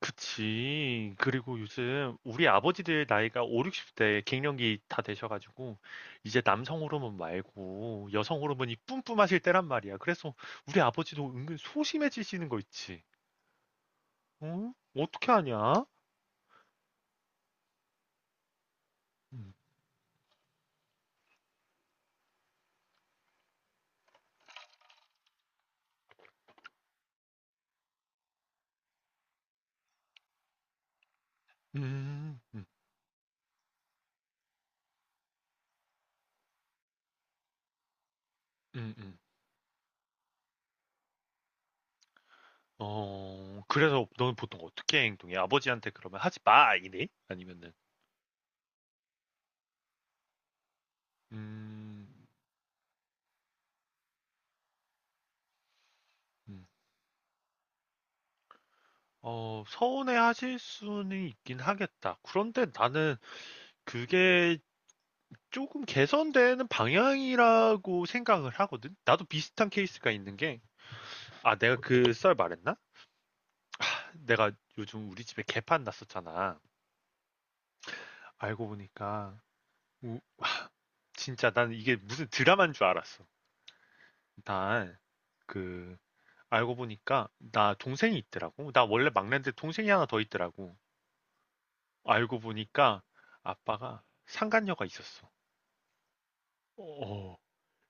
그치. 그리고 요즘 우리 아버지들 나이가 5, 60대 갱년기 다 되셔가지고 이제 남성 호르몬 말고 여성 호르몬이 뿜뿜하실 때란 말이야. 그래서 우리 아버지도 은근 소심해지시는 거 있지. 어? 어떻게 하냐? 음, 음, 음, 음. 어, 그래서 너는 보통 어떻게 행동해? 아버지한테 그러면 하지 마! 이래? 아니면은, 음, 음. 어, 서운해 하실 수는 있긴 하겠다. 그런데 나는 그게 조금 개선되는 방향이라고 생각을 하거든. 나도 비슷한 케이스가 있는 게, 아, 내가 그 썰 말했나? 내가 요즘 우리 집에 개판 났었잖아. 알고 보니까, 우- 진짜 난 이게 무슨 드라마인 줄 알았어. 난, 그, 알고 보니까, 나 동생이 있더라고. 나 원래 막내인데 동생이 하나 더 있더라고. 알고 보니까, 아빠가 상간녀가 있었어. 어,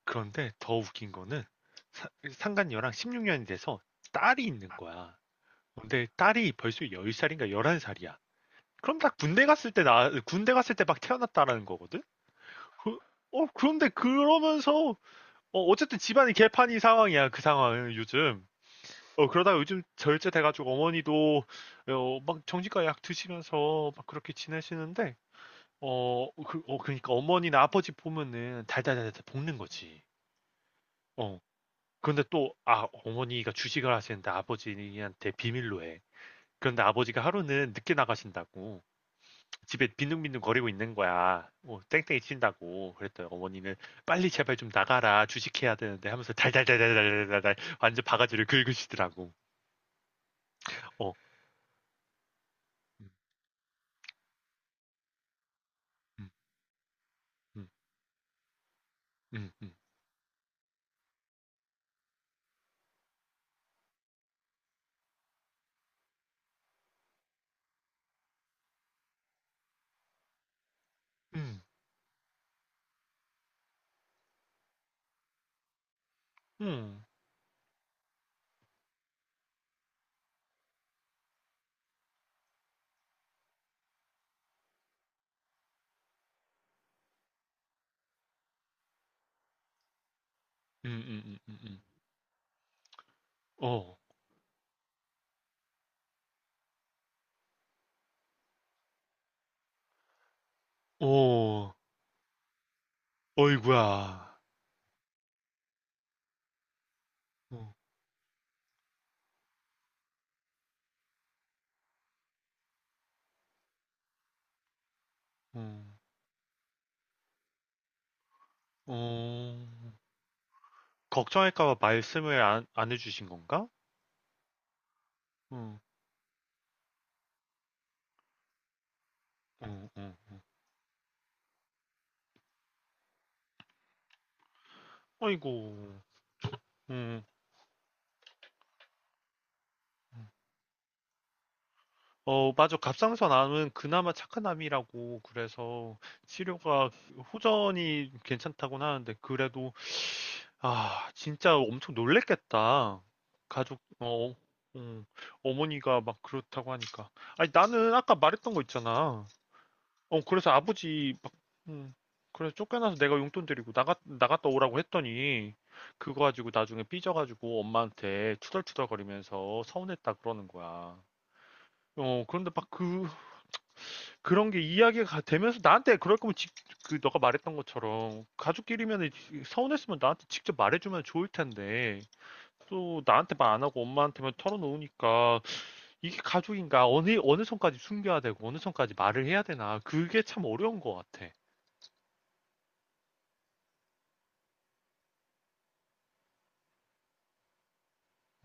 그런데 더 웃긴 거는, 상간녀랑 16년이 돼서 딸이 있는 거야. 근데 딸이 벌써 열 살인가 열한 살이야. 그럼 다 군대 갔을 때 나, 군대 갔을 때 막 태어났다라는 거거든? 그, 어, 그런데 그러면서, 어, 어쨌든 집안이 개판이 상황이야, 그 상황은 요즘. 어, 그러다가 요즘 절제돼가지고 어머니도, 어, 막 정신과 약 드시면서 막 그렇게 지내시는데, 어, 그, 어, 그러니까 어머니나 아버지 보면은 달달달달 볶는 거지. 어. 그런데 또, 아, 어머니가 주식을 하시는데 아버지한테 비밀로 해. 그런데 아버지가 하루는 늦게 나가신다고. 집에 빈둥빈둥 거리고 있는 거야. 뭐 땡땡이 친다고. 그랬더니 어머니는 빨리 제발 좀 나가라. 주식해야 되는데 하면서 달달달달달달달 완전 바가지를 긁으시더라고. 어. 음, 음, 음, 음, 음, 음, 음, 음, 음, 음, 음. 어. 어. 어이구야. 어. 어. 어. 걱정할까 봐 말씀을 안 해주신 건가? 응, 응, 응. 어 아이고. 음. 어, 맞아. 갑상선 암은 그나마 착한 암이라고 그래서 치료가 호전이 괜찮다고는 하는데 그래도 아, 진짜 엄청 놀랬겠다. 가족 어, 음, 어머니가 막 그렇다고 하니까. 아니, 나는 아까 말했던 거 있잖아. 어, 그래서 아버지 막 음, 그래서 쫓겨나서 내가 용돈 드리고 나갔다 오라고 했더니 그거 가지고 나중에 삐져가지고 엄마한테 투덜투덜거리면서 서운했다 그러는 거야. 어, 그런데 막 그, 그런 게 이야기가 되면서 나한테 그럴 거면 직, 그 너가 말했던 것처럼 가족끼리면 서운했으면 나한테 직접 말해주면 좋을 텐데 또 나한테 말 안 하고 엄마한테만 털어놓으니까 이게 가족인가 어느 선까지 숨겨야 되고 어느 선까지 말을 해야 되나 그게 참 어려운 것 같아.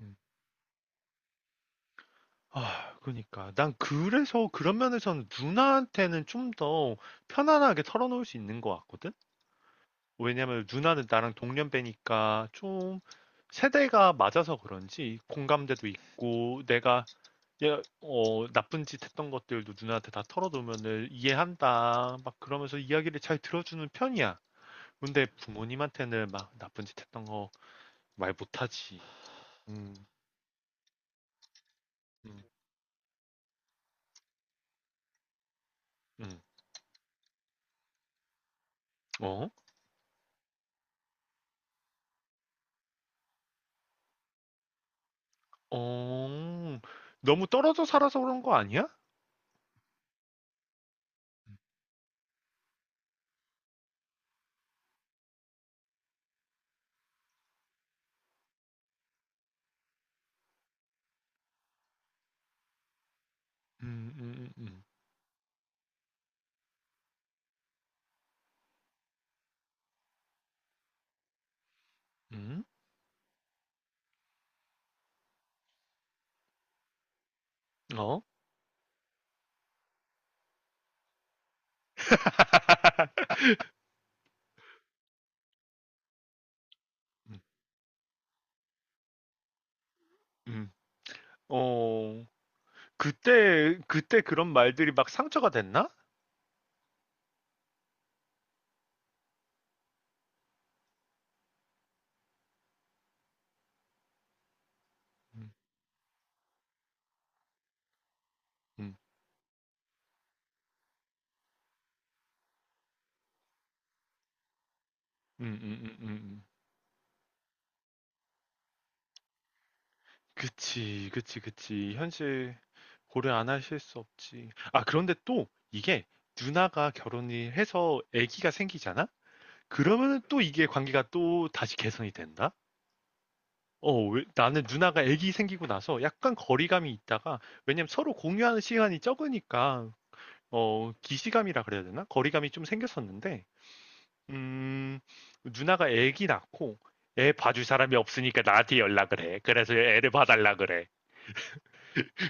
음. 아, 그러니까 난 그래서 그런 면에서는 누나한테는 좀 더 편안하게 털어놓을 수 있는 것 같거든. 왜냐면 누나는 나랑 동년배니까 좀 세대가 맞아서 그런지 공감대도 있고 내가 얘, 어, 나쁜 짓 했던 것들도 누나한테 다 털어놓으면은 이해한다 막 그러면서 이야기를 잘 들어주는 편이야. 근데 부모님한테는 막 나쁜 짓 했던 거 말 못하지. 음, 음, 음. 어? 어? 너무 떨어져 살아서 그런 거 아니야? 음, 음, 음, 음, 음? 어? 음, 음. 어, 그때 그때 그런 말들이 막 상처가 됐나? 음, 음, 음. 그치, 그치, 그치. 현실 고려 안 하실 수 없지. 아, 그런데 또 이게 누나가 결혼을 해서 아기가 생기잖아? 그러면은 또 이게 관계가 또 다시 개선이 된다? 어, 나는 누나가 아기 생기고 나서 약간 거리감이 있다가, 왜냐면 서로 공유하는 시간이 적으니까, 어, 기시감이라 그래야 되나? 거리감이 좀 생겼었는데, 음, 누나가 애기 낳고 애 봐줄 사람이 없으니까 나한테 연락을 해. 그래서 애를 봐달라 그래.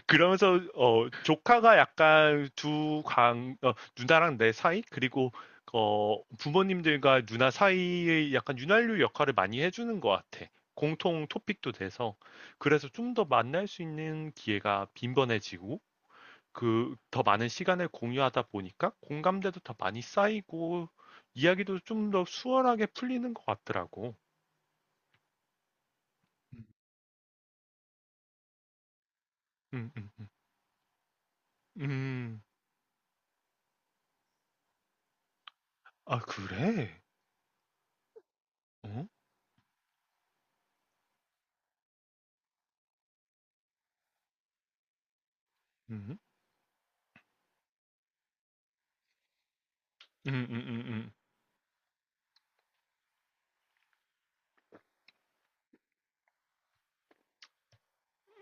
그러면서 어, 조카가 약간 두 강, 어, 누나랑 내 사이 그리고 어, 부모님들과 누나 사이의 약간 윤활유 역할을 많이 해주는 것 같아. 공통 토픽도 돼서 그래서 좀 더 만날 수 있는 기회가 빈번해지고 그 더 많은 시간을 공유하다 보니까 공감대도 더 많이 쌓이고 이야기도 좀 더 수월하게 풀리는 것 같더라고. 음. 음, 음, 음. 음. 아, 그래? 어? 음. 음음음음.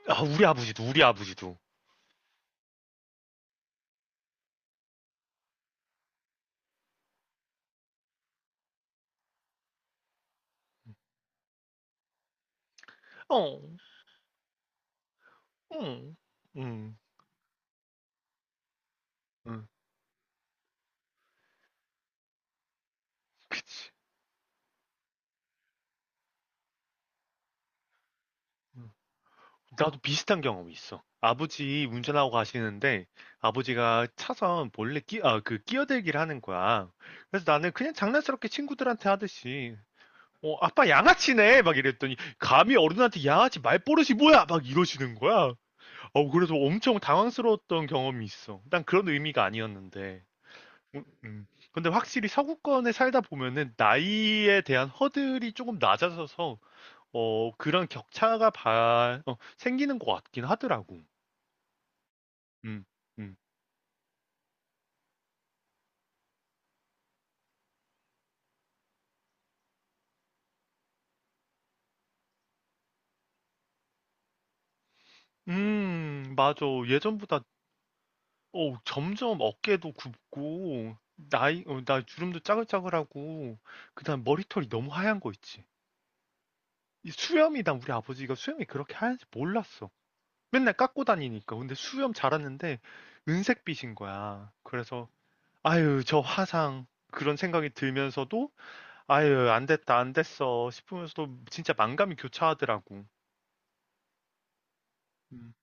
아, 우리 아버지도 우리 아버지도. 어. 응. 응. 응. 그치. 응. 나도 비슷한 경험이 있어. 아버지 운전하고 가시는데 아버지가 차선 몰래 아, 그 끼어들기를 하는 거야. 그래서 나는 그냥 장난스럽게 친구들한테 하듯이 어, 아빠 양아치네! 막 이랬더니, 감히 어른한테 양아치 말버릇이 뭐야! 막 이러시는 거야. 어, 그래서 엄청 당황스러웠던 경험이 있어. 난 그런 의미가 아니었는데. 음, 음. 근데 확실히 서구권에 살다 보면은 나이에 대한 허들이 조금 낮아져서, 어, 그런 격차가 어, 생기는 것 같긴 하더라고. 음, 음. 맞아. 예전보다 어, 점점 어깨도 굽고, 나이, 어, 나 주름도 짜글짜글하고, 그다음 머리털이 너무 하얀 거 있지. 이 수염이, 난 우리 아버지가 수염이 그렇게 하얀지 몰랐어. 맨날 깎고 다니니까. 근데 수염 자랐는데, 은색빛인 거야. 그래서, 아유, 저 화상. 그런 생각이 들면서도, 아유, 안 됐다, 안 됐어. 싶으면서도 진짜 만감이 교차하더라고. 음.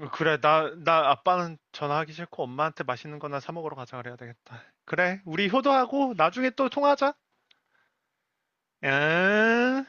어, 그래, 나, 나 아빠는 전화하기 싫고 엄마한테 맛있는 거나 사 먹으러 가자 그래야 되겠다. 그래, 우리 효도하고 나중에 또 통화하자. 응.